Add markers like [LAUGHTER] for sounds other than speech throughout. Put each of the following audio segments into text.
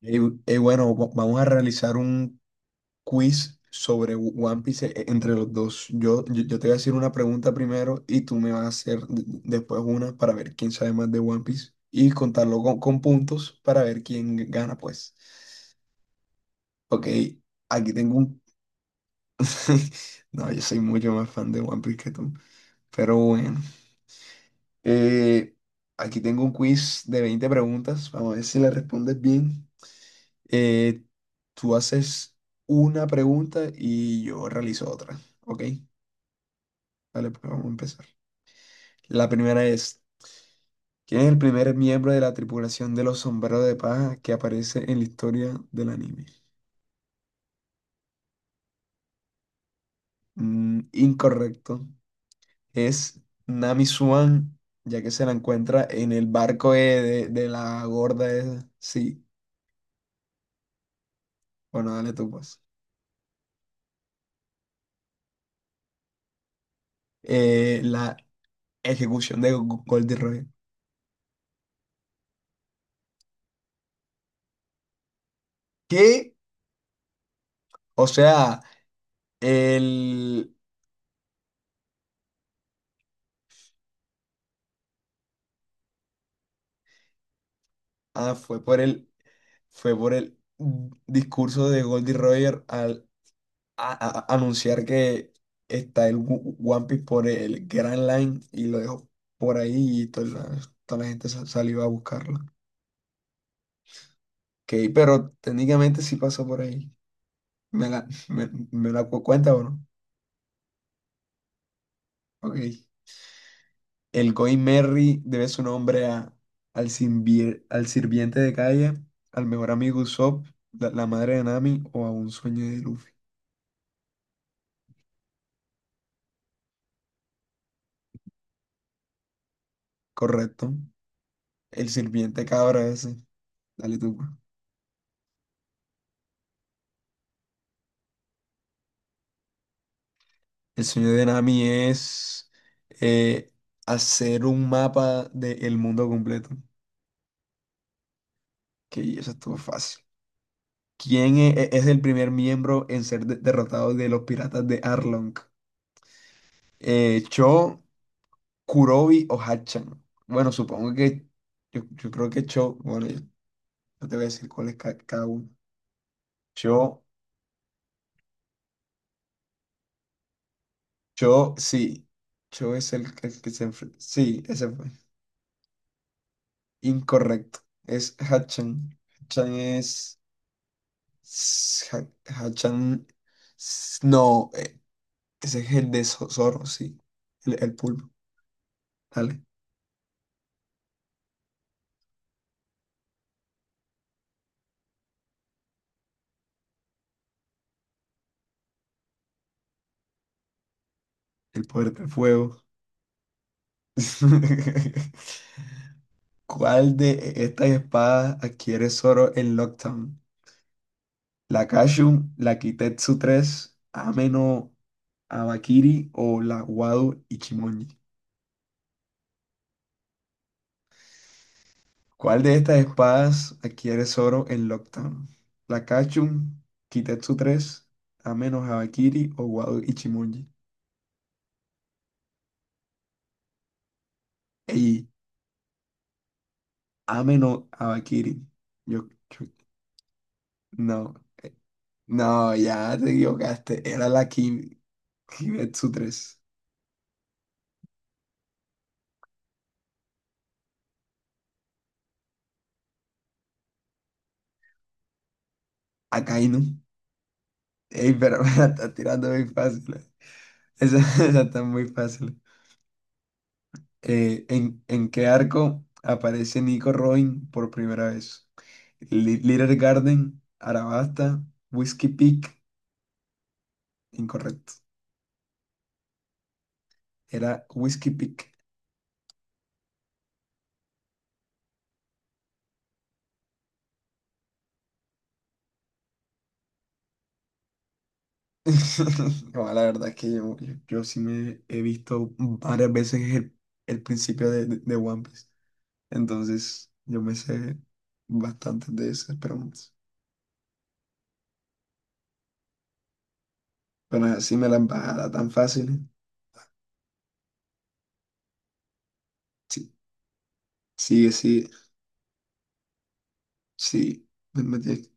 Y, vamos a realizar un quiz sobre One Piece entre los dos. Yo te voy a hacer una pregunta primero y tú me vas a hacer después una para ver quién sabe más de One Piece y contarlo con puntos para ver quién gana, pues. Ok, aquí tengo un... [LAUGHS] No, yo soy mucho más fan de One Piece que tú. Pero bueno. Eh, Aquí tengo un quiz de 20 preguntas. Vamos a ver si le respondes bien. Eh, Tú haces una pregunta y yo realizo otra. ¿Ok? Dale, pues vamos a empezar. La primera es, ¿quién es el primer miembro de la tripulación de los sombreros de paja que aparece en la historia del anime? Mm, incorrecto. Es Nami Swan, ya que se la encuentra en el barco de la gorda esa. Sí, bueno, dale tú pues. La ejecución de Goldie Roy. ¿Qué? O sea, el... Ah, fue por el, fue por el discurso de Goldie Roger al a- anunciar que está el One Piece por el Grand Line y lo dejó por ahí y toda la gente salió a buscarlo. Ok, pero técnicamente sí pasó por ahí. Me la cuenta o no? Ok. El Going Merry debe su nombre a, al, al sirviente de calle, al mejor amigo Usopp, la madre de Nami o a un sueño de Luffy. Correcto. El sirviente cabra ese. Dale tú pues. El sueño de Nami es eh, hacer un mapa del mundo completo. Que eso estuvo fácil. ¿Quién es el primer miembro en ser derrotado de los piratas de Arlong? ¿Cho, Kurobi o Hachan? Bueno, supongo que yo creo que Cho. Bueno, yo te voy a decir cuál es cada uno. Cho, Cho, sí. Cho es que se enfrenta. Sí, ese fue. Incorrecto. Es Hachan. Hachan es. s- Ha- Hachan. No, ese es el de Zorro, sí. El pulpo. Dale. El poder del fuego. [LAUGHS] ¿Cuál de estas espadas adquiere Zoro en Lockdown? ¿La Kashun, la Kitetsu tres, Ameno Abakiri o la Wado Ichimonji? ¿Cuál de estas espadas adquiere Zoro en Lockdown? ¿La Kachun, Kitetsu 3, Ame no Habakiri o Wado Ichimonji? Ey, Ame no Habakiri. Yo, yo- no, no, ya te equivocaste. Era la Ki, Kitetsu 3. Akainu. Ey, pero [LAUGHS] me la estás tirando muy fácil, eh. Esa, [LAUGHS] esa está muy fácil. En qué arco aparece Nico Robin por primera vez? Little Garden, Arabasta, Whiskey Peak. Incorrecto. Era Whiskey Peak. [LAUGHS] No, la verdad es que yo sí me he visto varias veces el principio de One Piece. Entonces, yo me sé bastantes de esas preguntas. Pero así me las bajada tan fácil, ¿eh? Sí, sigue, sigue, sí. Me metí.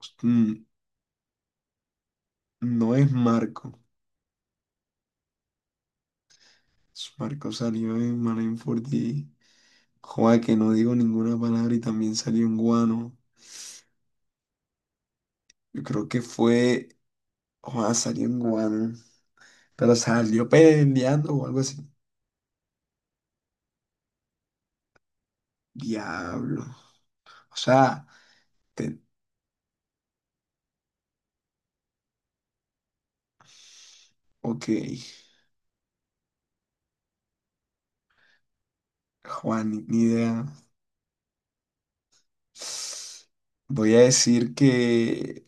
[LAUGHS] No es Marco. Es Marco salió en Marineford y... Joa, que no digo ninguna palabra y también salió en Guano. Yo creo que fue... Joa, salió en Guano. Pero salió peleando o algo así. Diablo. O sea, te- ok. Juan, ni idea. Voy a decir que...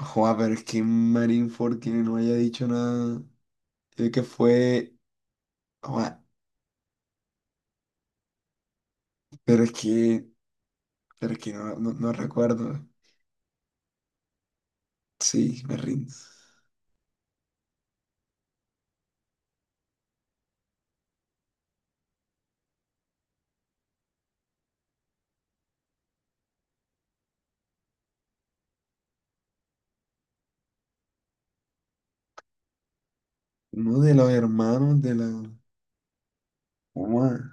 Joa, pero es que Marineford que no haya dicho nada. Yo que fue... Joa, pero es que... Pero es que no, no recuerdo. Sí, me rindo. Uno de los hermanos de la... Juan,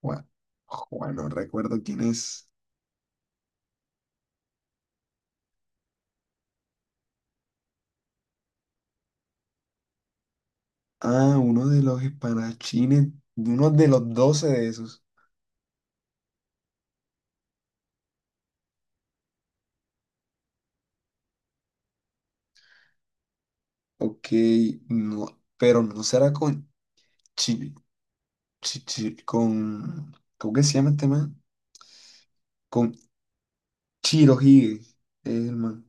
Juan, Juan, no recuerdo quién es. Ah, uno de los espadachines, uno de los doce de esos. Ok, no, pero no será con Chi, con, ¿cómo que se llama este man? Con Chirohige, es el man,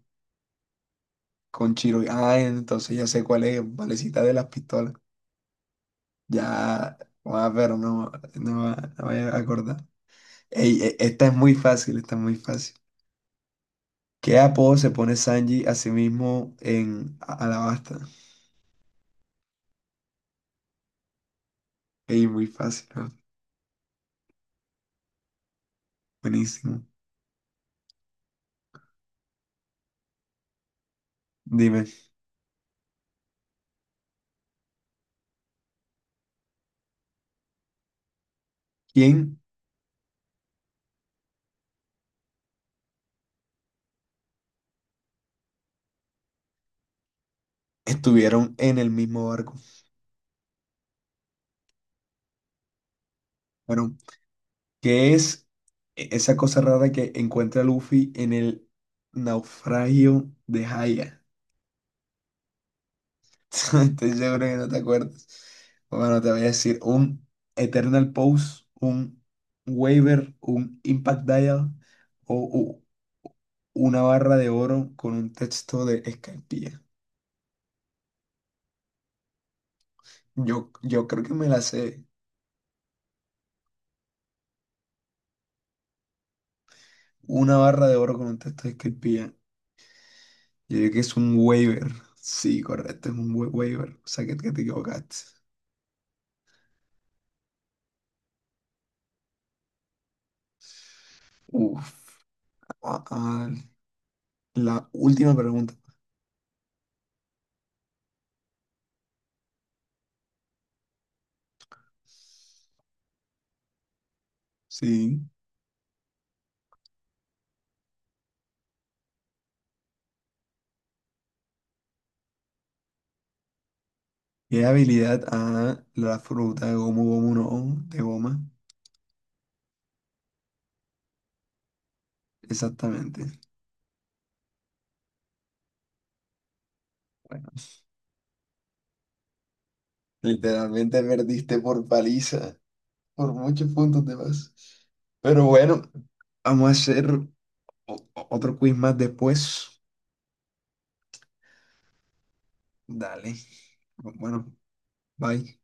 con Chirohige. Ah, entonces ya sé cuál es, valecita de las pistolas. Ya, ah, pero no, no, me voy a acordar. Ey, esta es muy fácil, esta es muy fácil. ¿Qué apodo se pone Sanji a sí mismo en Alabasta? Ey, muy fácil, ¿no? Buenísimo. Dime, ¿quién estuvieron en el mismo barco? Bueno, ¿qué es esa cosa rara que encuentra Luffy en el naufragio de Haya? [LAUGHS] Estoy seguro que no te acuerdas. Bueno, te voy a decir un Eternal Pose, un Waiver, un Impact Dial o una barra de oro con un texto de Escaipilla. Yo creo que me la sé. Una barra de oro con un texto de Escaipilla. Yo diría que es un waiver. Sí, correcto, es un waiver. O sea, que te equivocaste. Uf, ah, ah, la última pregunta. Sí. ¿Qué habilidad a la fruta de gomu gomu no? De goma. Exactamente. Bueno, literalmente perdiste por paliza. Por muchos puntos de más. Pero bueno, vamos a hacer otro quiz más después. Dale. Bueno, bye.